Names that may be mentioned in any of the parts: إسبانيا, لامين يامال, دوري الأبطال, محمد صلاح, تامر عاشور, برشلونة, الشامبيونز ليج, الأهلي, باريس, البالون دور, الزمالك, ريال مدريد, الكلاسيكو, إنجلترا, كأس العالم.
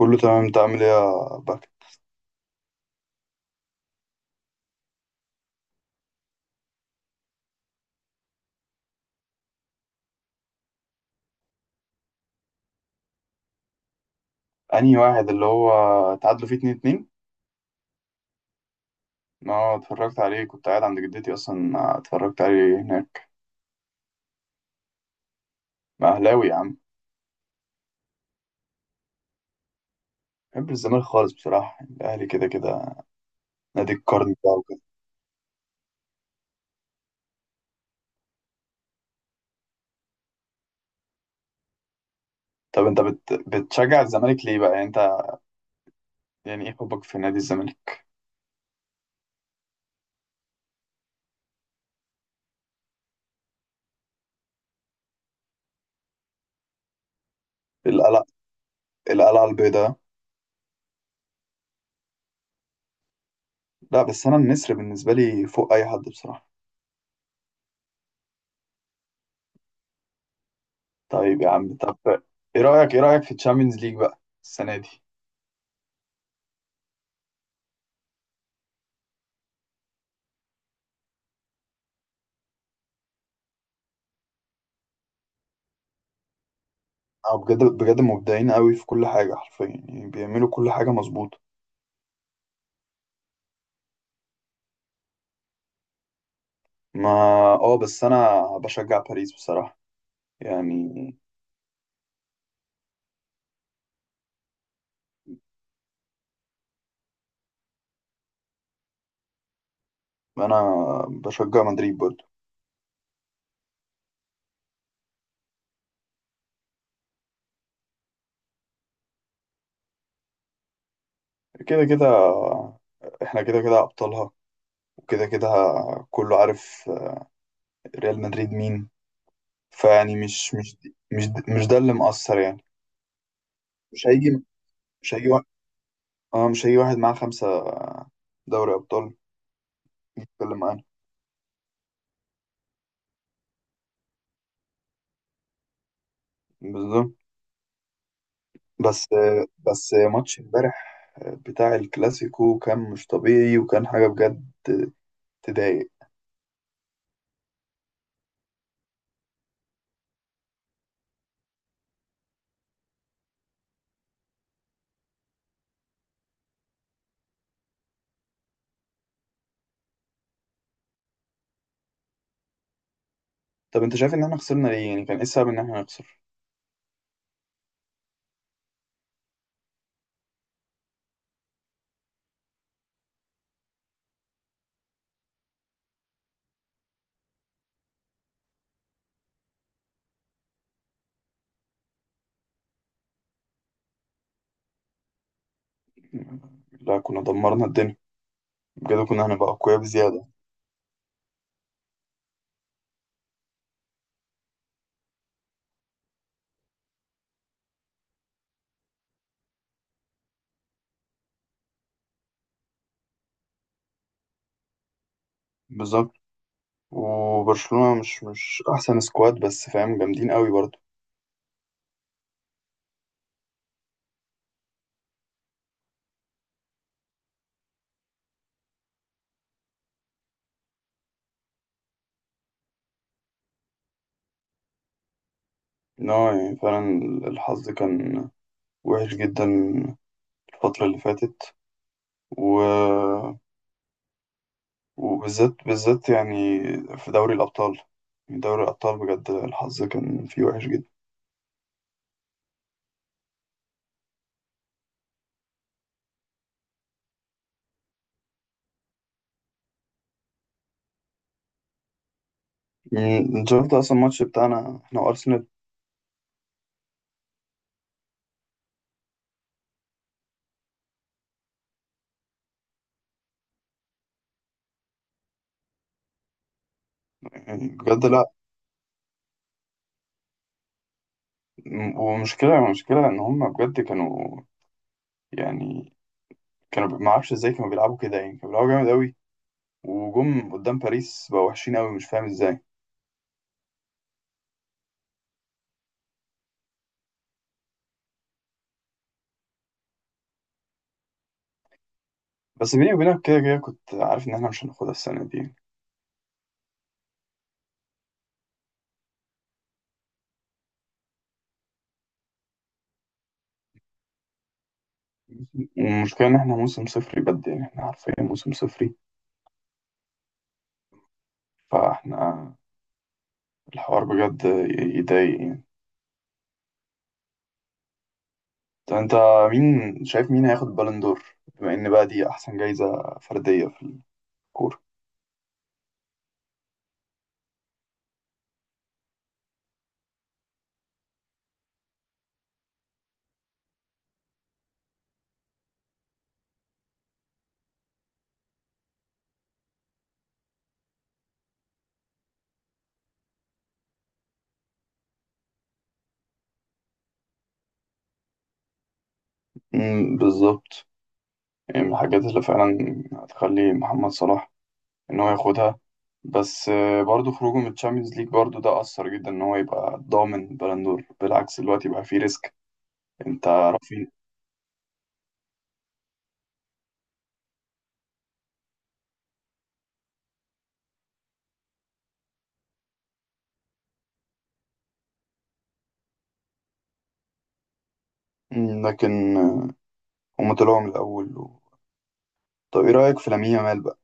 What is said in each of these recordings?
كله تمام. انت عامل ايه يا بك؟ انهي واحد اللي هو تعادلوا فيه 2-2؟ ما اتفرجت عليه، كنت قاعد عند جدتي اصلا، اتفرجت عليه هناك. ما اهلاوي يا عم. بحب الزمالك خالص، بصراحة الاهلي كده كده. نادي القرن بقى وكده. طب انت بتشجع الزمالك ليه بقى، يعني انت؟ يعني ايه حبك في نادي الزمالك؟ القلعة القلعة البيضاء. لا، بس انا النسر بالنسبة لي فوق اي حد بصراحة. طيب يا عم، طب ايه رأيك في الشامبيونز ليج بقى السنة دي؟ اه، بجد بجد مبدعين قوي في كل حاجة، حرفيا يعني بيعملوا كل حاجة مظبوطة. ما اه بس انا بشجع باريس بصراحة، يعني. انا بشجع مدريد برضو. كده كده، احنا كده كده ابطالها وكده كده، كله عارف. ريال مدريد مين؟ فيعني مش مش ده اللي مؤثر يعني. مش هيجي مش هيجي واحد. اه، مش هيجي واحد معاه 5 دوري ابطال يتكلم معانا. بالظبط. بس بس ماتش امبارح بتاع الكلاسيكو كان مش طبيعي، وكان حاجة بجد تضايق. طب انت شايف ان احنا خسرنا ليه؟ يعني كان ايه السبب ان احنا نخسر؟ لا، كنا دمرنا الدنيا بجد، كنا هنبقى اقوياء بزيادة. بالظبط. وبرشلونة مش احسن سكواد، بس فاهم جامدين قوي برضه. ان هو يعني فعلا الحظ كان وحش جدا الفترة اللي فاتت، و... وبالذات بالذات يعني في دوري الأبطال. يعني دوري الأبطال بجد الحظ كان فيه وحش جدا. يعني انت شفت اصلا الماتش بتاعنا احنا وارسنال؟ يعني بجد لا. م- ومشكلة مشكلة ان هم بجد كانوا، يعني كانوا، ما اعرفش ازاي كانوا بيلعبوا كده، يعني كانوا بيلعبوا جامد قوي، وجم قدام باريس بقوا وحشين قوي، مش فاهم ازاي. بس بيني وبينك، كده كده كنت عارف ان احنا مش هناخدها السنة دي. والمشكلة ان احنا موسم صفري بجد، يعني احنا حرفيا موسم صفري. فاحنا الحوار بجد يضايق يعني. طب انت مين شايف مين هياخد بالون دور، بما ان بقى دي احسن جايزة فردية في الكورة؟ مم، بالظبط. يعني من الحاجات اللي فعلا هتخلي محمد صلاح ان هو ياخدها. بس برضه خروجه من الشامبيونز ليج برضه ده أثر جدا ان هو يبقى ضامن بلندور، بالعكس دلوقتي بقى فيه ريسك. انت رافين. مم، لكن هما طلعوا من الأول. و... طب ايه رأيك في لامين يامال بقى؟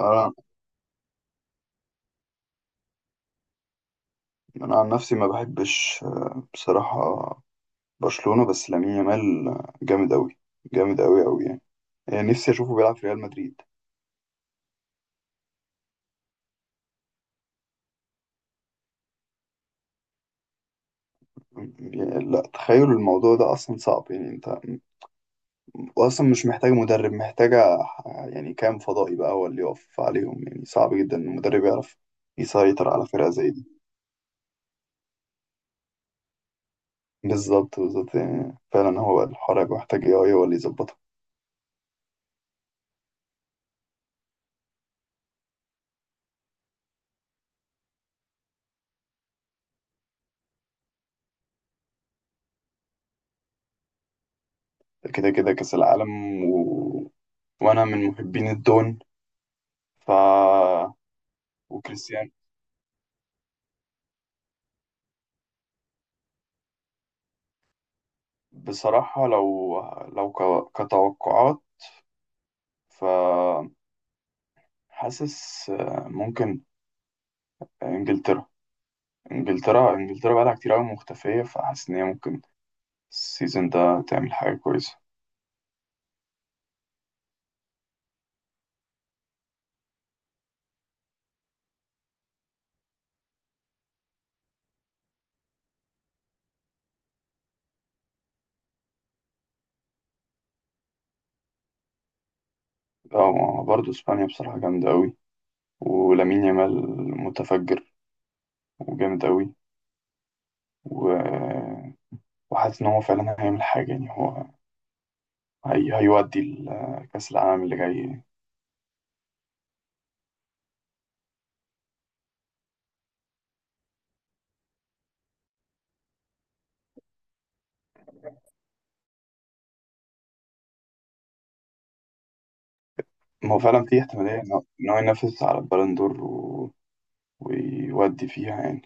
أنا أنا عن نفسي ما بحبش بصراحة برشلونة، بس لامين يامال جامد أوي، جامد أوي أوي يعني. يعني نفسي أشوفه بيلعب في ريال مدريد. يعني لا، تخيل الموضوع ده اصلا صعب يعني. انت واصلا مش محتاجة مدرب، محتاجة، يعني كام فضائي بقى هو اللي يقف عليهم. يعني صعب جدا ان المدرب يعرف يسيطر على فرقة زي دي. بالظبط بالظبط، يعني فعلا هو الحوار هيبقى محتاج اي هو اللي يظبطها. كده كده كأس العالم، و... وانا من محبين الدون ف وكريستيانو. بصراحة لو كتوقعات، ف حاسس ممكن انجلترا انجلترا بقالها كتير قوي مختفية، فحاسس ان هي ممكن السيزون ده تعمل حاجة كويسة. اه، ما برضه اسبانيا بصراحة جامدة أوي، ولامين يامال متفجر وجامد أوي. و... وحاسس إن هو فعلا هيعمل حاجة، يعني هو هيودي كأس العالم اللي جاي. ما هو فعلا في احتمالية إن هو ينافس على البالون دور، و... ويودي فيها يعني.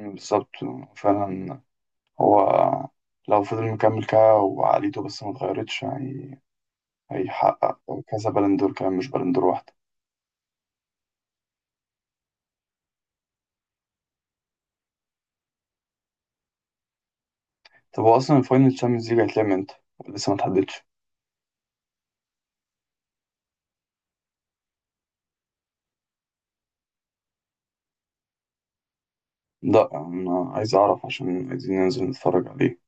بالظبط، فعلا هو لو فضل مكمل كده وعقليته بس ما اتغيرتش، هيحقق كذا بالون دور، كمان مش بالون دور واحدة. طب هو أصلا الفاينل تشامبيونز ليج هيتلعب امتى؟ لسه ما اتحددش. لا، أنا عايز أعرف عشان عايزين ننزل نتفرج عليه.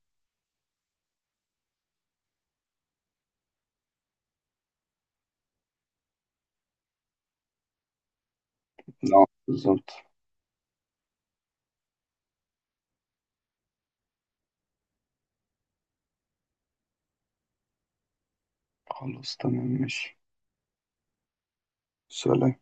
لا، بالظبط. خلاص، تمام، ماشي. سلام.